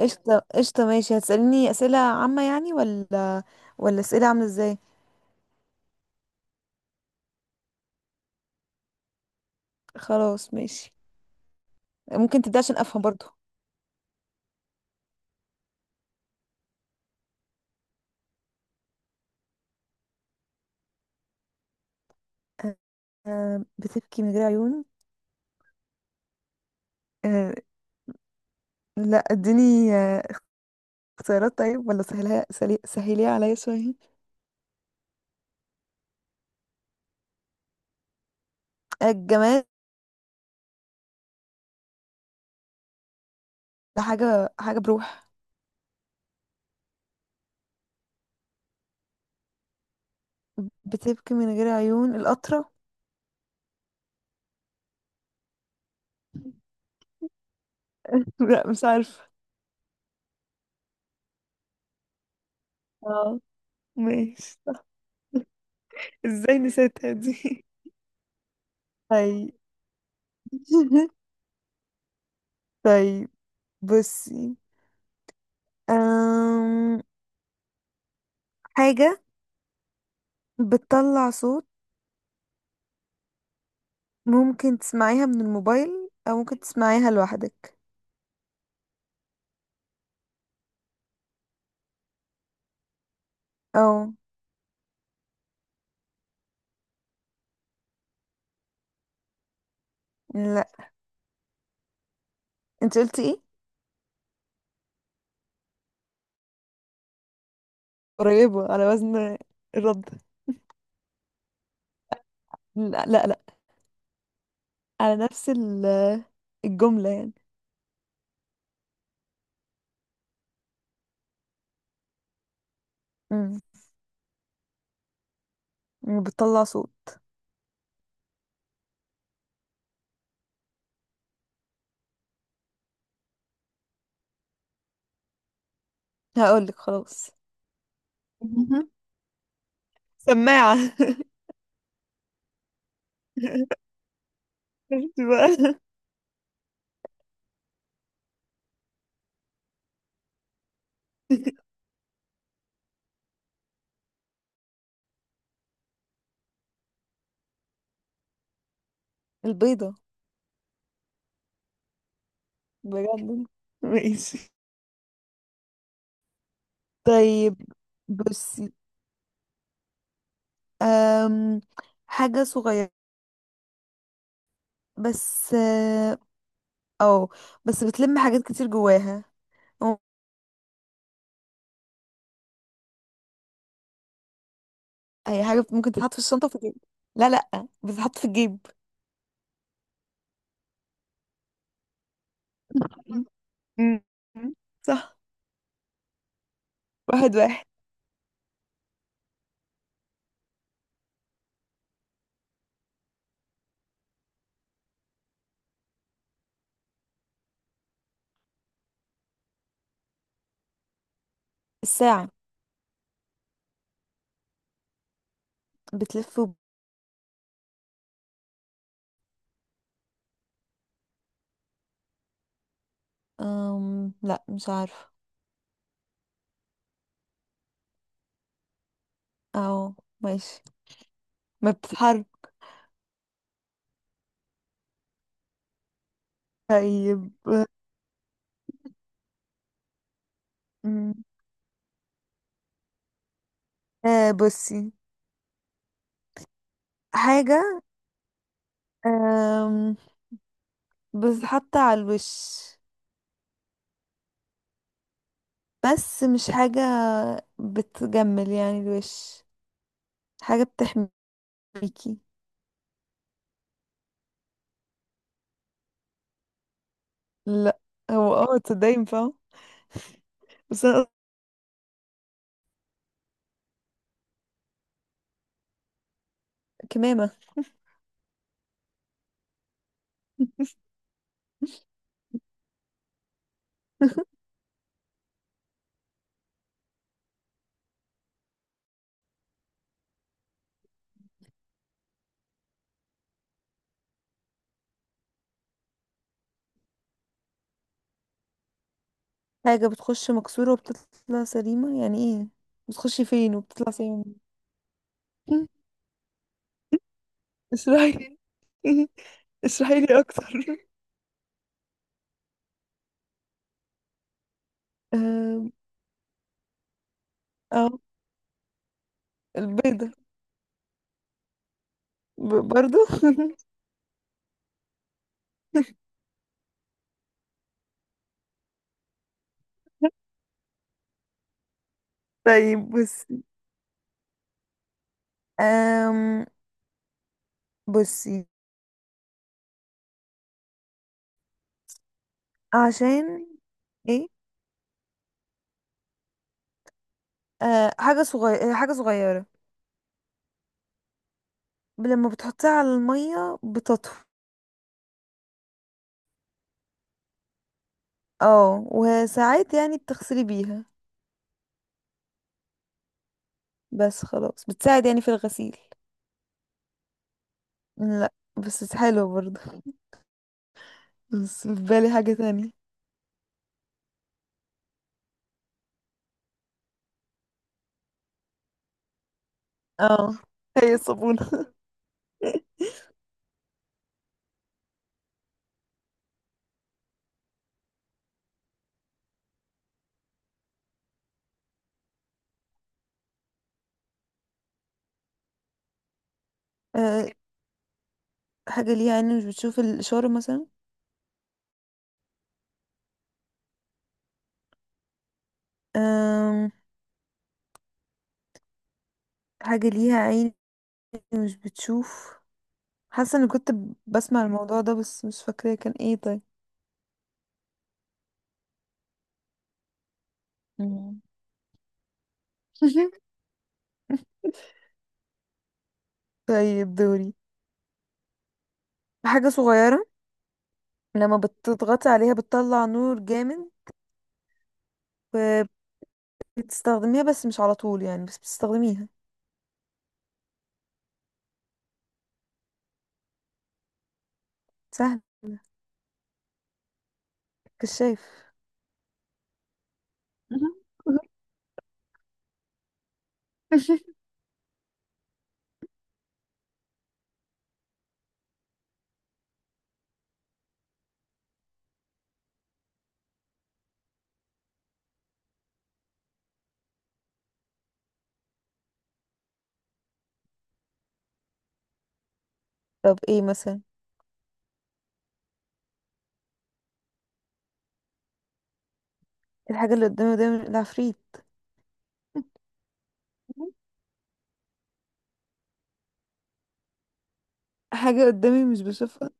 قشطة قشطة ماشي. هتسألني أسئلة عامة يعني ولا أسئلة عاملة ازاي؟ خلاص ماشي. ممكن تبدأ عشان أفهم برضو؟ أه، بتبكي من غير عيون. أه. لا، اديني اختيارات. طيب، ولا سهلها سهليها عليا شوية. الجمال. حاجة بروح. بتبكي من غير عيون القطرة. لا، مش عارفة. اه، ماشي. ازاي نسيتها دي؟ طيب. طيب، بصي. أم... حاجة بتطلع صوت. ممكن تسمعيها من الموبايل او ممكن تسمعيها لوحدك. او. لا. انت قلتي ايه؟ قريبة على وزن الرد. لا لا لا. على نفس الجملة يعني. امم بتطلع صوت. هقولك خلاص. مهم. سماعة. شفتي بقى. البيضة. بجد. ماشي. طيب، بصي. أم حاجة صغيرة. بس، اه أو، بس بتلم حاجات كتير جواها. اي حاجه ممكن تتحط في الشنطه في الجيب. لا لا، بتتحط في الجيب. مم. صح. واحد واحد. الساعه. بتلف لا، مش عارفه. اه، ماشي. ما بتتحرك. طيب، أم، بصي. حاجه، أم... بتتحط على الوش. بس مش حاجه بتجمل يعني الوش. حاجه بتحميكي. لا. هو تصدقي ينفع. بس انا قصدي كمامه. حاجة بتخش مكسورة وبتطلع سليمة يعني ايه؟ بتخش فين وبتطلع سليمة؟ منين؟ اشرحي. اشرحي لي اكتر. آم، اه. البيضة. ب- برضو. طيب، أم بصي عشان ايه. حاجة صغيرة، حاجة صغيرة، لما بتحطيها على المية بتطفو. اه، وساعات يعني بتغسلي بيها. بس خلاص بتساعد يعني في الغسيل. لا، بس حلوة برضو. بس في بالي حاجة تانية. اه، هي الصابونة. آه، حاجة ليها عين مش بتشوف الإشارة مثلا. آم، حاجة ليها عين مش بتشوف. حاسة اني كنت بسمع الموضوع ده بس مش فاكرة كان ايه. طيب. مم. طيب، دوري. حاجة صغيرة. لما بتضغطي عليها بتطلع نور جامد، وبتستخدميها بس مش على طول يعني، بس بتستخدميها. سهل. كشاف. طب ايه مثلا إيه؟ الحاجة اللي قدامي ده العفريت. حاجة قدامي مش بشوفها.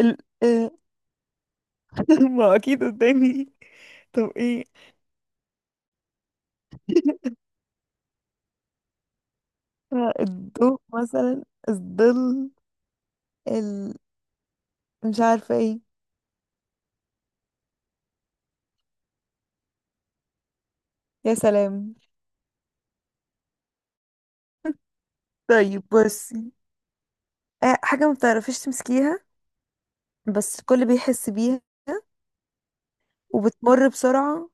ال... آه، ما أكيد قدامي. طب ايه؟ الضوء مثلا، الظل. ال... مش عارفة ايه. يا سلام. طيب، بصي. حاجة ما بتعرفيش تمسكيها. بس الكل بيحس بيها وبتمر بسرعة.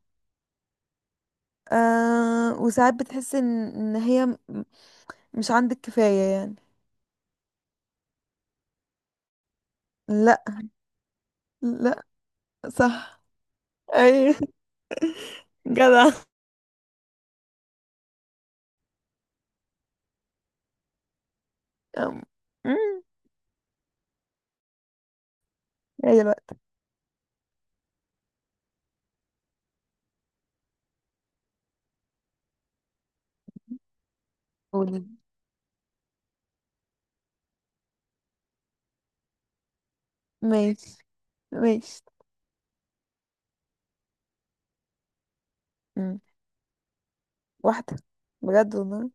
وساعات بتحس ان هي مش عندك كفاية يعني. لا لا، صح. اي. جدع. أم، أم، هي الوقت. قولي. ماشي ماشي. مم. واحدة. بجد والله.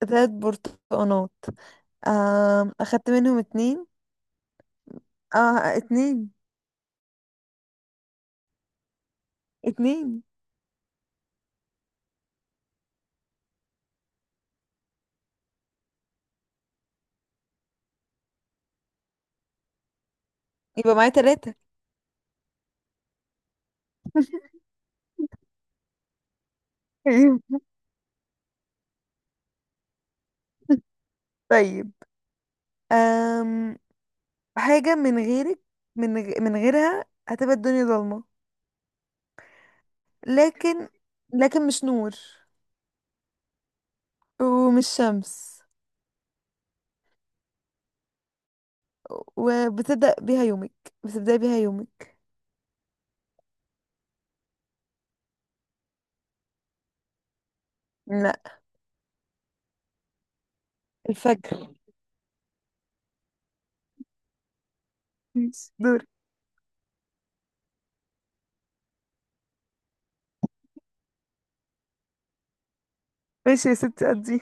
تلات برتقانات. أخدت منهم اتنين. اه، اتنين. اتنين، يبقى معايا تلاتة. أيوة. طيب، أم حاجة من غيرك. من غيرها هتبقى الدنيا ضلمة. لكن لكن مش نور، ومش شمس، وبتبدأ بيها يومك. بتبدأ بيها يومك. لا. الفجر. ماشي، دور. ماشي يا ستي قضي.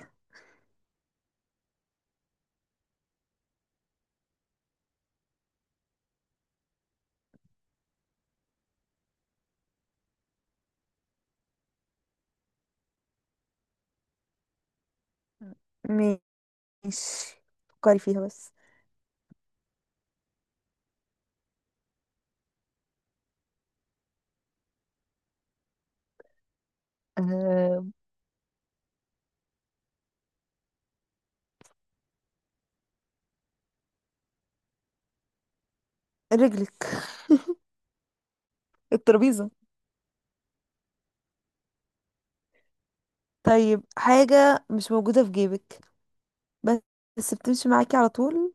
ماشي، فكري فيها بس. أه... رجلك. الترابيزة. طيب، حاجة مش موجودة في جيبك. بس بس بتمشي معاكي على طول،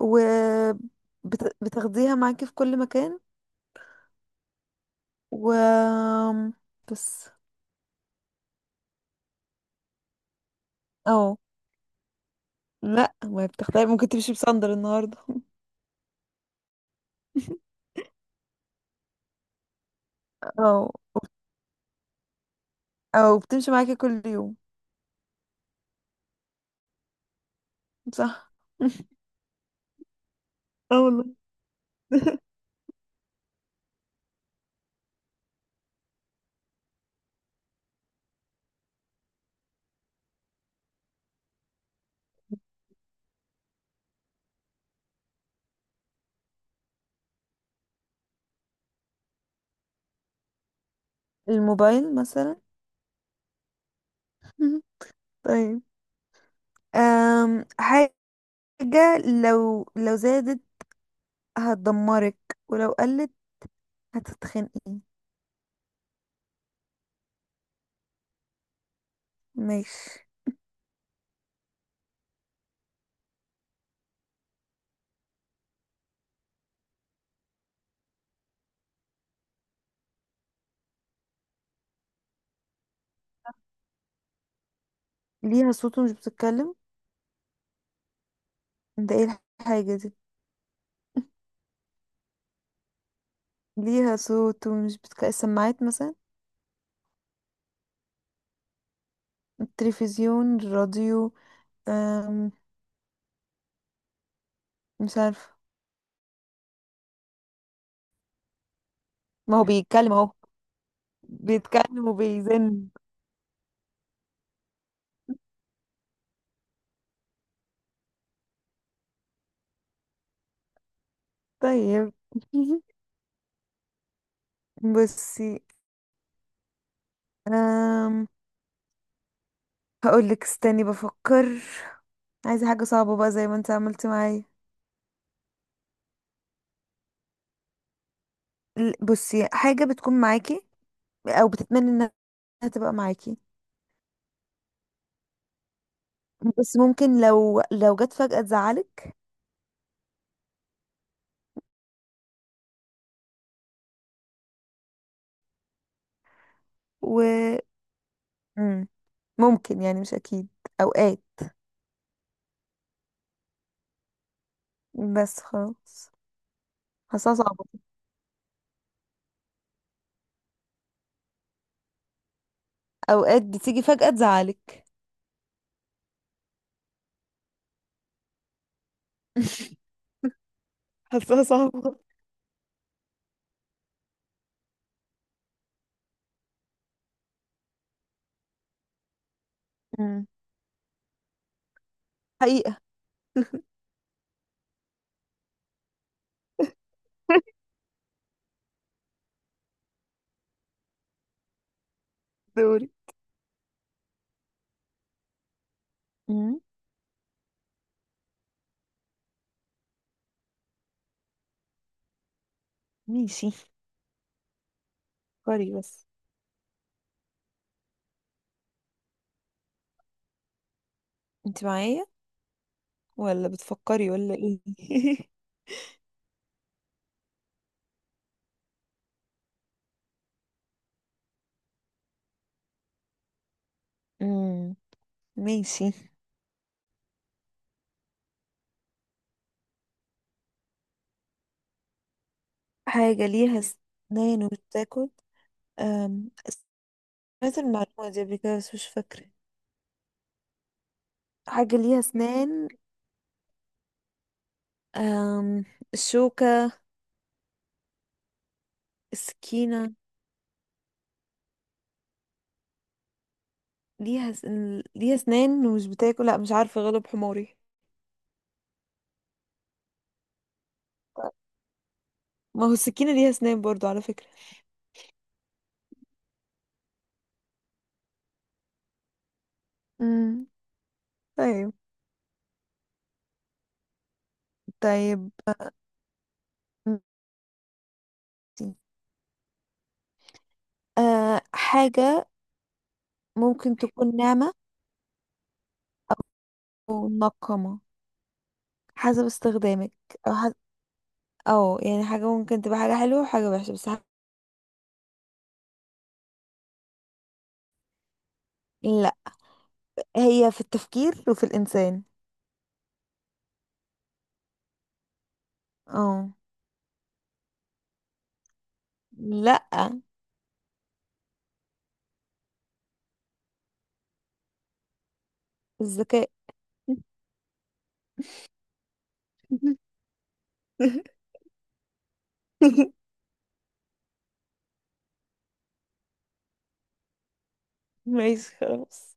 وبتاخديها معاكي في كل مكان. و بس، اه لا، ما بتختاري، ممكن تمشي بصندل النهاردة. او او بتمشي معاكي كل يوم. صح. اه والله. الموبايل مثلا. طيب، حاجة لو زادت هتدمرك، ولو قلت هتتخنقي. ماشي. ليها صوت ومش بتتكلم. ده ايه الحاجة دي؟ ليها صوت ومش بتتكلم، السماعات مثلا، التلفزيون، الراديو. أم... مش عارفة. ما هو بيتكلم اهو، بيتكلم وبيزن. طيب. بصي. أم... هقولك استني بفكر. عايزة حاجة صعبة بقى زي ما انت عملتي معايا. بصي، حاجة بتكون معاكي او بتتمني انها تبقى معاكي، بس ممكن لو جت فجأة تزعلك. و. مم. ممكن يعني مش اكيد، اوقات. بس خلاص. حاساها صعبة. اوقات بتيجي فجأة تزعلك. حاساها صعبة. مم. حقيقة. دوري. مم. ماشي، فكري بس. انت معايا ولا بتفكري ولا ايه؟ مم. ماشي. حاجة ليها سنان وبتاكل. أم، سمعت المعلومة دي قبل كده بس مش فاكرة. حاجة ليها سنان. أم... الشوكة. السكينة. ليها س... ليها اسنان ومش بتاكل. لا، مش عارفة، غلب حماري. ما هو السكينة ليها اسنان برضو على فكرة. امم طيب طيب ماشي. حاجة ممكن تكون ناعمة أو منقمة حسب استخدامك. أو حسب أو يعني حاجة ممكن تبقى حاجة حلوة وحاجة وحشة، بس لا. هي في التفكير وفي الإنسان. اه. لا. الذكاء. ماشي خلاص.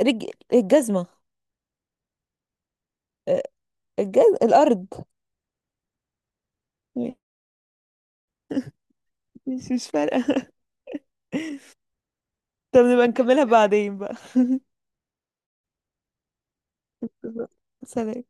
رج... الجزمة. آه، الأرض. مش فارقة. طب نبقى نكملها بعدين بقى. سلام.